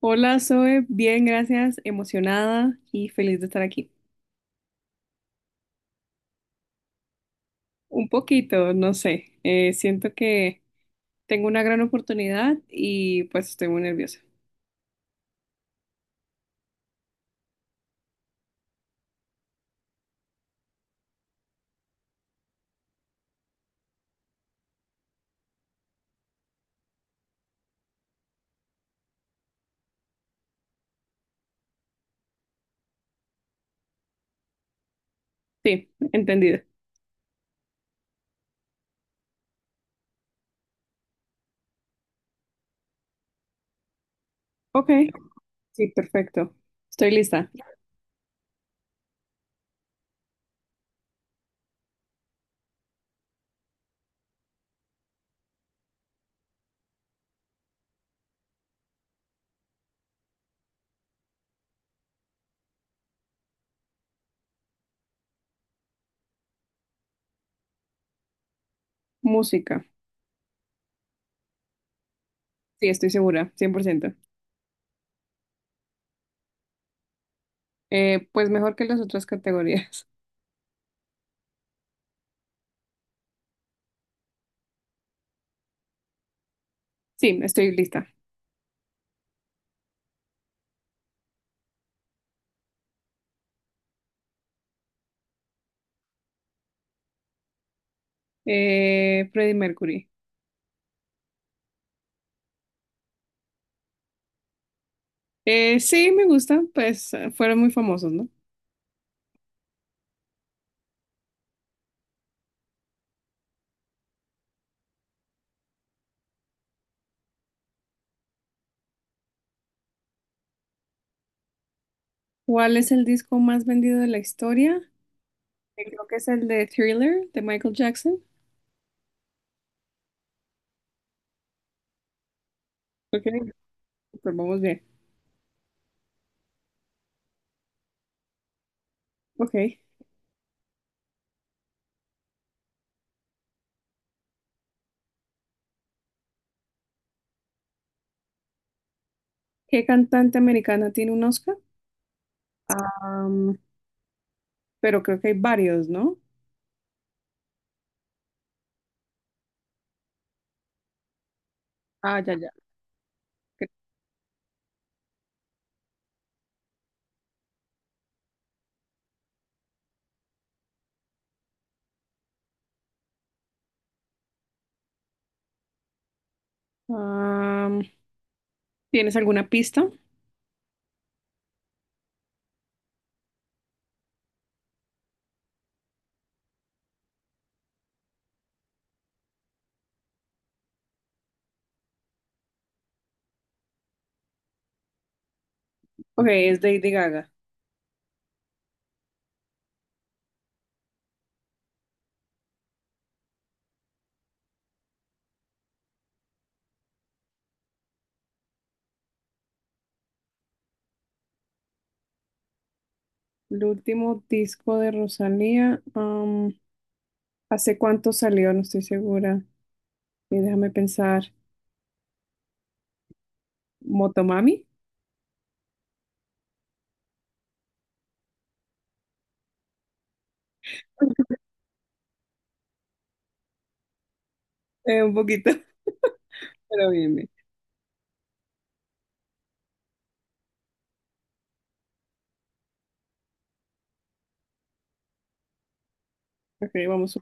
Hola, Zoe. Bien, gracias. Emocionada y feliz de estar aquí. Un poquito, no sé. Siento que tengo una gran oportunidad y pues estoy muy nerviosa. Sí, entendido. Ok. Sí, perfecto. Estoy lista. Música. Sí, estoy segura, 100%. Pues mejor que las otras categorías. Sí, estoy lista. Freddie Mercury. Sí, me gusta. Pues fueron muy famosos, ¿no? ¿Cuál es el disco más vendido de la historia? Creo que es el de Thriller de Michael Jackson. Ok, pues vamos bien. Ok. ¿Qué cantante americana tiene un Oscar? Am, pero creo que hay varios, ¿no? Ah, ya, ya. Cre- Am, ¿tienes alguna pista? Ok, es Lady Gaga. El último disco de Rosalía. ¿Hace cuánto salió? No estoy segura. Déjame pensar. ¿Motomami? Un poquito, pero bien, bien. Ok, vamos.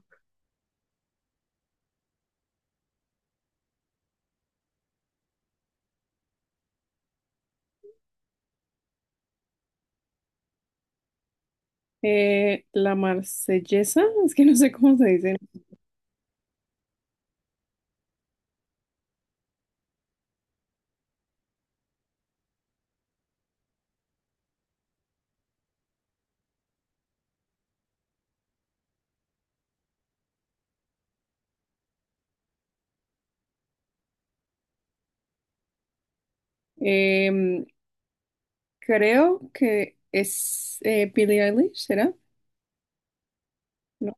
La Marsellesa, es que no sé cómo se dice. Em, creo que es Billie Eilish, ¿será? No.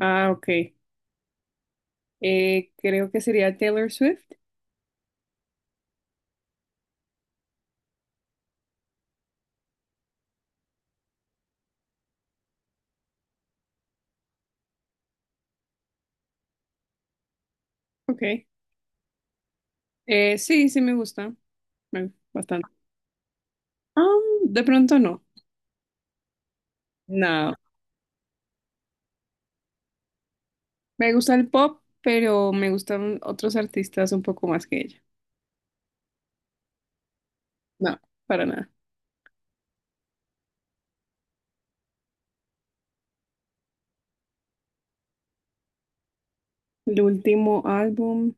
Ah, ok. Creo que sería Taylor Swift. Ok. Sí, sí me gusta. Bastante. De pronto no. No. Me gusta el pop, pero me gustan otros artistas un poco más que ella. No, para nada. El último álbum.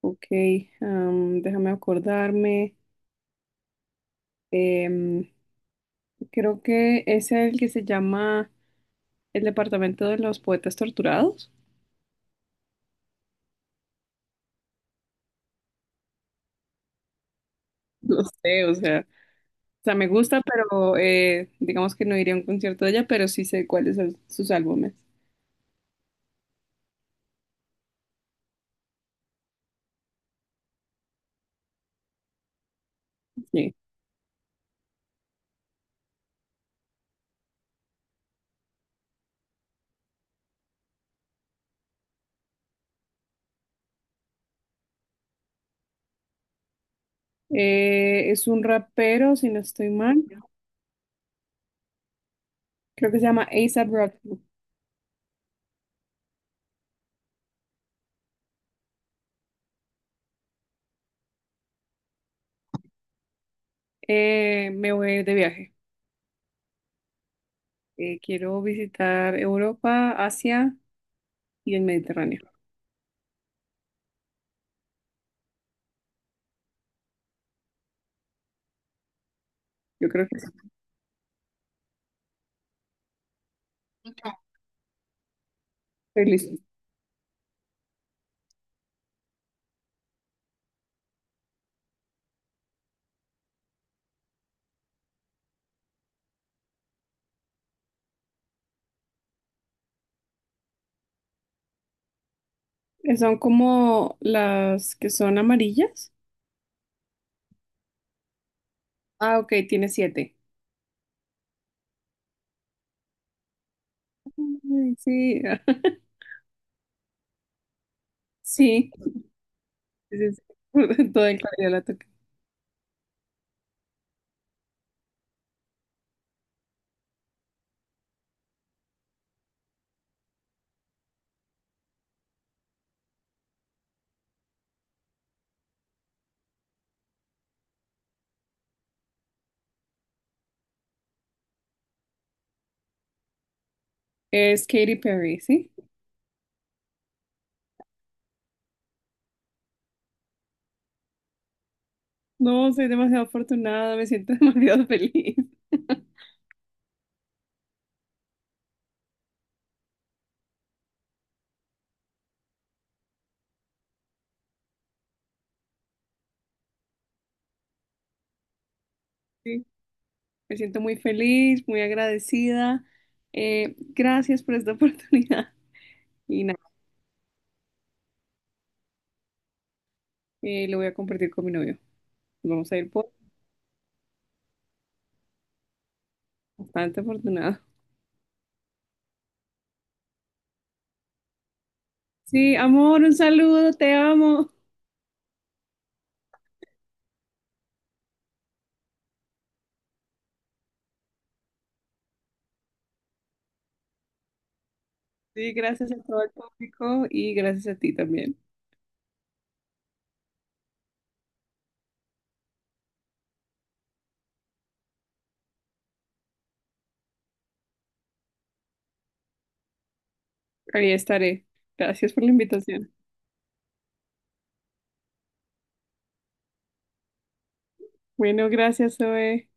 Ok. Déjame acordarme. Em, creo que es el que se llama El Departamento de los Poetas Torturados. No sé, o sea. O sea, me gusta, pero digamos que no iría a un concierto de ella, pero sí sé cuáles son sus álbumes. Sí. Es un rapero, si no estoy mal. Creo que se llama A$AP Rocky. Me voy de viaje. Quiero visitar Europa, Asia y el Mediterráneo. Yo creo que sí. Estoy lista. Son como las que son amarillas. Ah, ok, tiene siete. Ay, sí, sí, sí, sí. Sí. Toda en claridad la toqué. Es Katy Perry, ¿sí? No, soy demasiado afortunada, me siento demasiado feliz. Sí, me siento muy feliz, muy agradecida. Gracias por esta oportunidad. Y nada, lo voy a compartir con mi novio. Nos vamos a ir por bastante afortunado. Sí, amor, un saludo, te amo. Sí, gracias a todo el público y gracias a ti también. Ahí estaré. Gracias por la invitación. Bueno, gracias, Zoe.